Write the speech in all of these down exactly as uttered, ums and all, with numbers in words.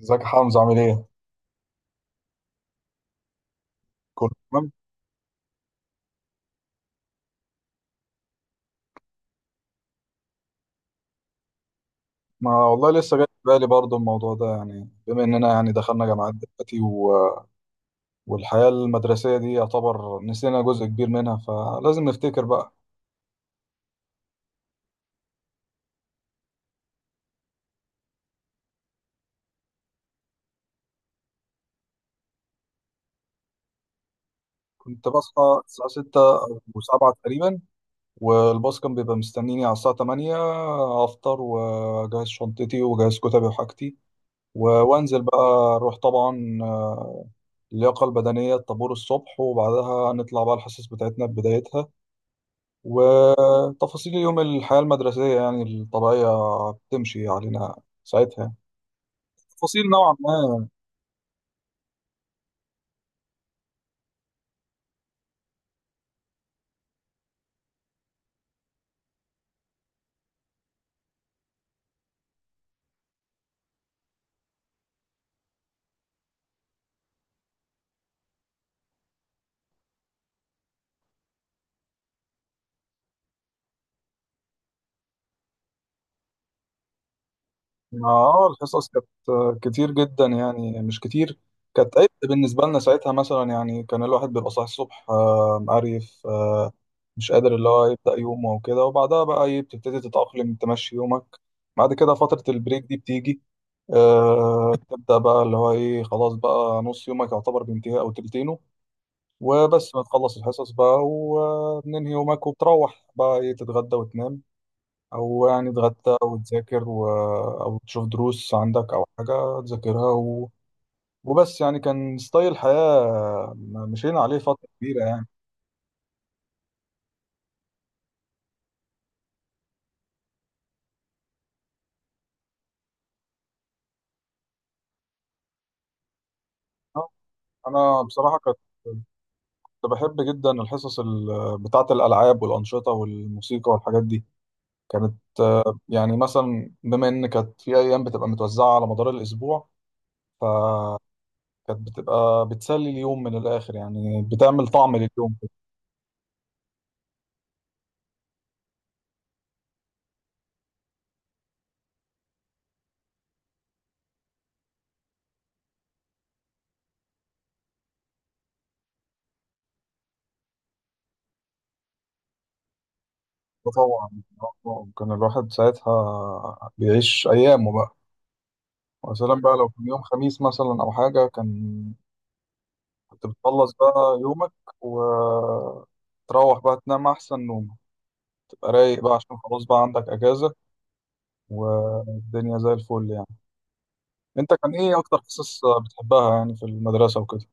ازيك يا حمزة عامل ايه؟ كله تمام؟ ما والله لسه جاي في بالي برضه الموضوع ده يعني بما اننا يعني دخلنا جامعات دلوقتي. و... والحياة المدرسية دي يعتبر نسينا جزء كبير منها فلازم نفتكر بقى. كنت بصحى الساعة ستة أو سبعة تقريبا، والباص كان بيبقى مستنيني على الساعة تمانية. أفطر وأجهز شنطتي وأجهز كتبي وحاجتي و- وأنزل بقى، أروح طبعا آه، اللياقة البدنية الطابور الصبح، وبعدها نطلع بقى الحصص بتاعتنا بدايتها وتفاصيل يوم الحياة المدرسية يعني الطبيعية بتمشي علينا ساعتها، تفاصيل نوعا ما يعني. اه الحصص كانت كتير جدا، يعني مش كتير كانت عبء بالنسبة لنا ساعتها. مثلا يعني كان الواحد بيبقى صاحي الصبح، آه، مقريف، آه، مش قادر اللي هو يبدأ يومه وكده. وبعدها بقى إيه، بتبتدي تتأقلم تمشي يومك. بعد كده فترة البريك دي بتيجي، آه، تبدأ بقى اللي هو ايه خلاص بقى نص يومك يعتبر بينتهي أو تلتينه. وبس بتخلص الحصص بقى وبننهي يومك وبتروح بقى ايه تتغدى وتنام، او يعني تتغدى وتذاكر، و... او تشوف دروس عندك او حاجة تذاكرها. و... وبس يعني كان ستايل حياة م- مشينا عليه فترة كبيرة يعني. آه، انا بصراحة كنت بحب جدا الحصص ال... بتاعة الالعاب والانشطة والموسيقى والحاجات دي. كانت آه، يعني مثلا بما ان كانت في ايام بتبقى متوزعة على مدار الاسبوع، كانت بتبقى بتسلي اليوم من الآخر يعني بتعمل طعم لليوم. طبعا كان الواحد ساعتها بيعيش أيامه بقى، ويا سلام بقى لو كان يوم خميس مثلا أو حاجة كان كنت بتخلص بقى يومك وتروح بقى تنام أحسن نوم، تبقى رايق بقى عشان خلاص بقى عندك أجازة والدنيا زي الفل يعني. أنت كان إيه أكتر قصص بتحبها يعني في المدرسة وكده؟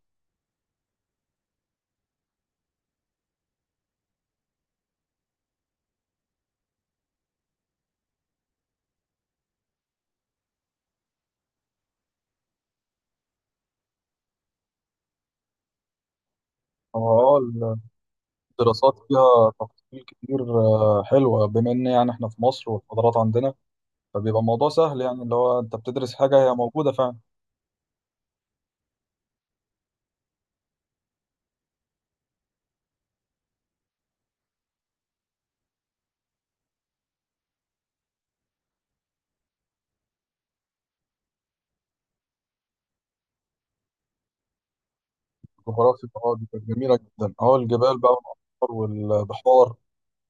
اه الدراسات فيها تفاصيل كتير، آه، حلوة بما إن يعني إحنا في مصر والحضارات عندنا، فبيبقى الموضوع سهل يعني اللي هو انت بتدرس حاجه هي موجوده فعلا. جغرافيا اه دي كانت جميله جدا، اه الجبال بقى والانهار والبحار،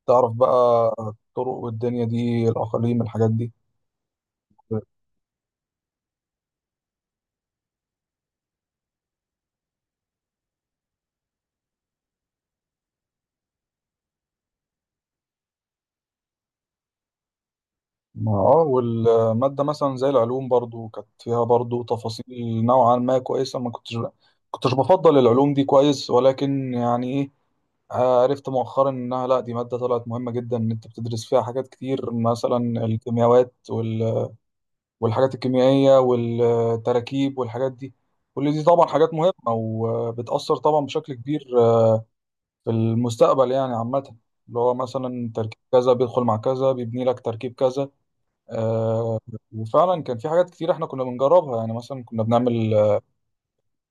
تعرف بقى الطرق والدنيا دي الاقاليم الحاجات دي. ما- اه والماده مثلا زي العلوم برضو كانت فيها برضو تفاصيل نوعا ما كويسه. ما كنتش كنتش بفضل العلوم دي كويس، ولكن يعني ايه عرفت مؤخرا انها لا دي ماده طلعت مهمه جدا، ان انت بتدرس فيها حاجات كتير، مثلا الكيمياوات والحاجات الكيميائية والتراكيب والحاجات دي. كل دي طبعا حاجات مهمة وبتأثر طبعا بشكل كبير في المستقبل يعني عامة، اللي هو مثلا تركيب كذا بيدخل مع كذا بيبني لك تركيب كذا. آه وفعلا كان في حاجات كتير احنا كنا بنجربها، يعني مثلا كنا بنعمل آه،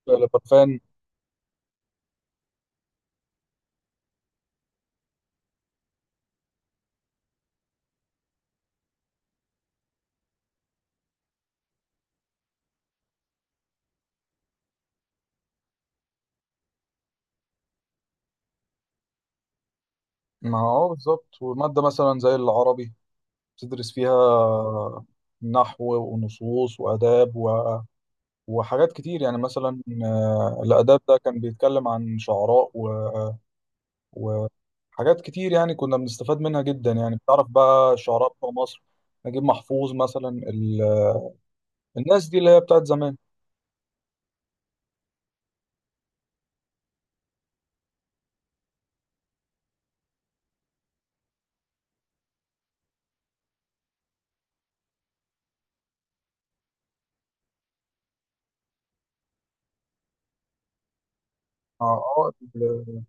لبرفان. مع اه بالظبط، ومادة مثلا زي العربي بتدرس فيها نحو ونصوص وآداب و- وحاجات كتير يعني. مثلا آه، الآداب ده كان بيتكلم عن شعراء و... حاجات كتير يعني كنا بنستفاد منها جدا، يعني بتعرف بقى الشعراء بتوع مصر، نجيب محفوظ مثلا، ال... الناس دي اللي هي بتاعت زمان. اه آه، ال-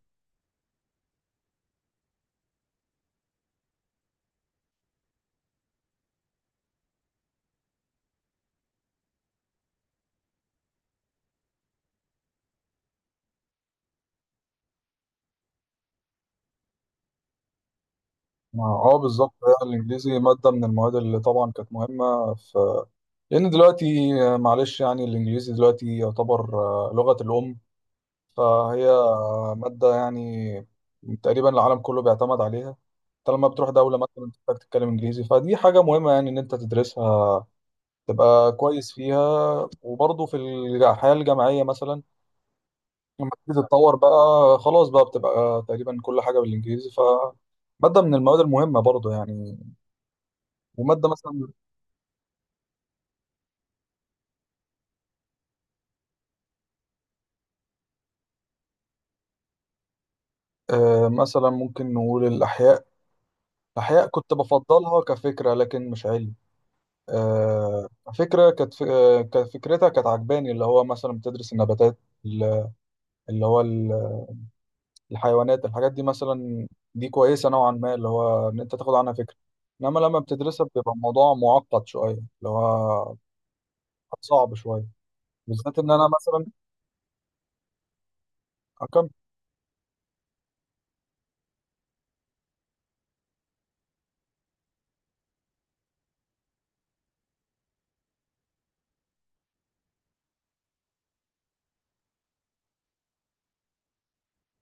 اه آه، بالظبط، آه، الانجليزي ماده من المواد اللي طبعا كانت مهمه، في لان دلوقتي آه، معلش يعني الانجليزي دلوقتي يعتبر آه، لغه الام. فهي آه، ماده يعني تقريبا العالم كله بيعتمد عليها. طالما بتروح دوله مثلا تحتاج تتكلم انجليزي، فدي حاجه مهمه يعني ان انت تدرسها تبقى كويس فيها. وبرضه في الج- الحياة الجامعية مثلا، لما تبتدي تتطور بقى خلاص بقى بتبقى تقريبا كل حاجة بالإنجليزي، ف مادة من المواد المهمة برضه يعني. ومادة مثلا آه، مثلا ممكن نقول الأحياء. الأحياء كنت بفضلها كفكرة لكن مش علم. آه فكرة كانت، آه، كفكرتها كانت عجباني، اللي هو مثلا بتدرس النباتات اللي هو الحيوانات الحاجات دي، مثلا دي كويسة نوعا ما، اللي هو إن أنت تاخد عنها فكرة. إنما لما بتدرسها بيبقى الموضوع معقد شوية، اللي هو صعب شوية، بالذات إن أنا مثلا أكمل.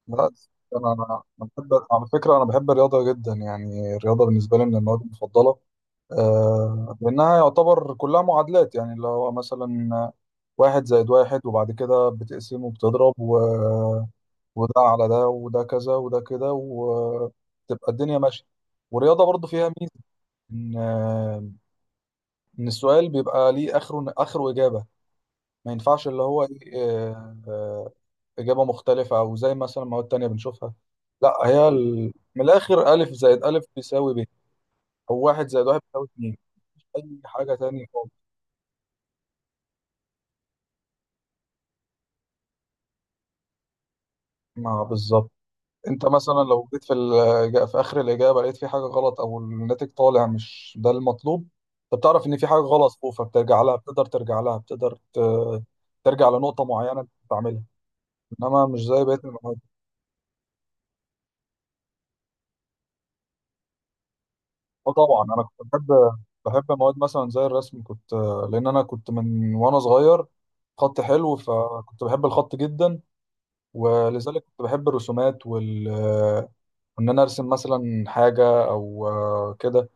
لا، أنا أنا أنا بحب على فكرة، أنا بحب الرياضة جدا يعني، الرياضة بالنسبة لي من المواد المفضلة. آه لأنها يعتبر كلها معادلات يعني، اللي هو مثلا واحد زائد واحد، وبعد كده بتقسمه وبتضرب وده على ده وده كذا وده كده، وتبقى الدنيا ماشيه. والرياضه برضو فيها ميزه ان ان السؤال بيبقى ليه اخره، اخره اجابه، ما ينفعش اللي هو ايه آه، آه، اجابه مختلفه، او زي مثلا مواد تانية بنشوفها. لا هي ال- من الاخر الف زائد الف بيساوي ب، او واحد زائد واحد بيساوي اتنين، مش اي حاجه تانية خالص. ما بالظبط، انت مثلا لو جيت في ال- في اخر الاجابه لقيت في حاجه غلط او الناتج طالع مش ده المطلوب، انت بتعرف ان في حاجه غلط فوق، فبترجع لها، بتقدر ترجع لها بتقدر ت- ترجع لنقطه معينه انت بتعملها، انما مش زي بقيه المواد. اه طبعا انا كنت بحب، بحب مواد مثلا زي الرسم كنت، لان انا كنت من وانا صغير خط حلو، فكنت بحب الخط جدا، ولذلك كنت بحب الرسومات وال ان انا ارسم مثلا حاجه او آه، كده،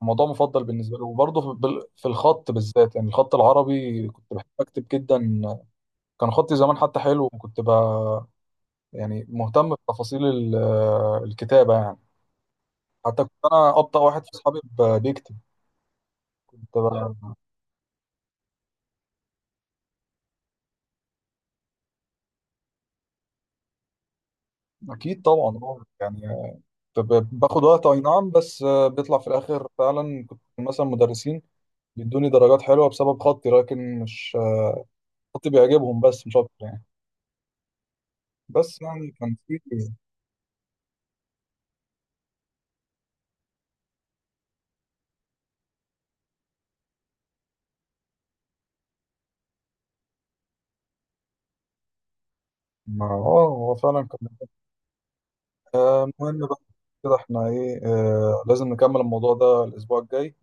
موضوع مفضل بالنسبه له. وبرضه في بال- في الخط بالذات يعني الخط العربي كنت بحب اكتب جدا. كان خطي زمان حتى حلو، وكنت بقى يعني مهتم بتفاصيل ال- الكتابه يعني، حتى كنت انا ابطا واحد في اصحابي ب- بيكتب، كنت بقى- اكيد طبعا آه، يعني كنت ب- باخد وقت اي نعم، بس آه، بيطلع في الاخر فعلا، كنت مثلا مدرسين بيدوني درجات حلوه بسبب خطي، لكن مش خطي بيعجبهم بس مش اكتر يعني. بس يعني كان في ما- اه هو فعلا كان آه، المهم بقى كده احنا ايه، آه، لازم نكمل الموضوع ده الاسبوع الجاي،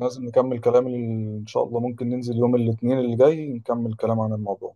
لازم نكمل كلام ال- ان شاء الله ممكن ننزل يوم الاثنين اللي جاي نكمل كلام عن الموضوع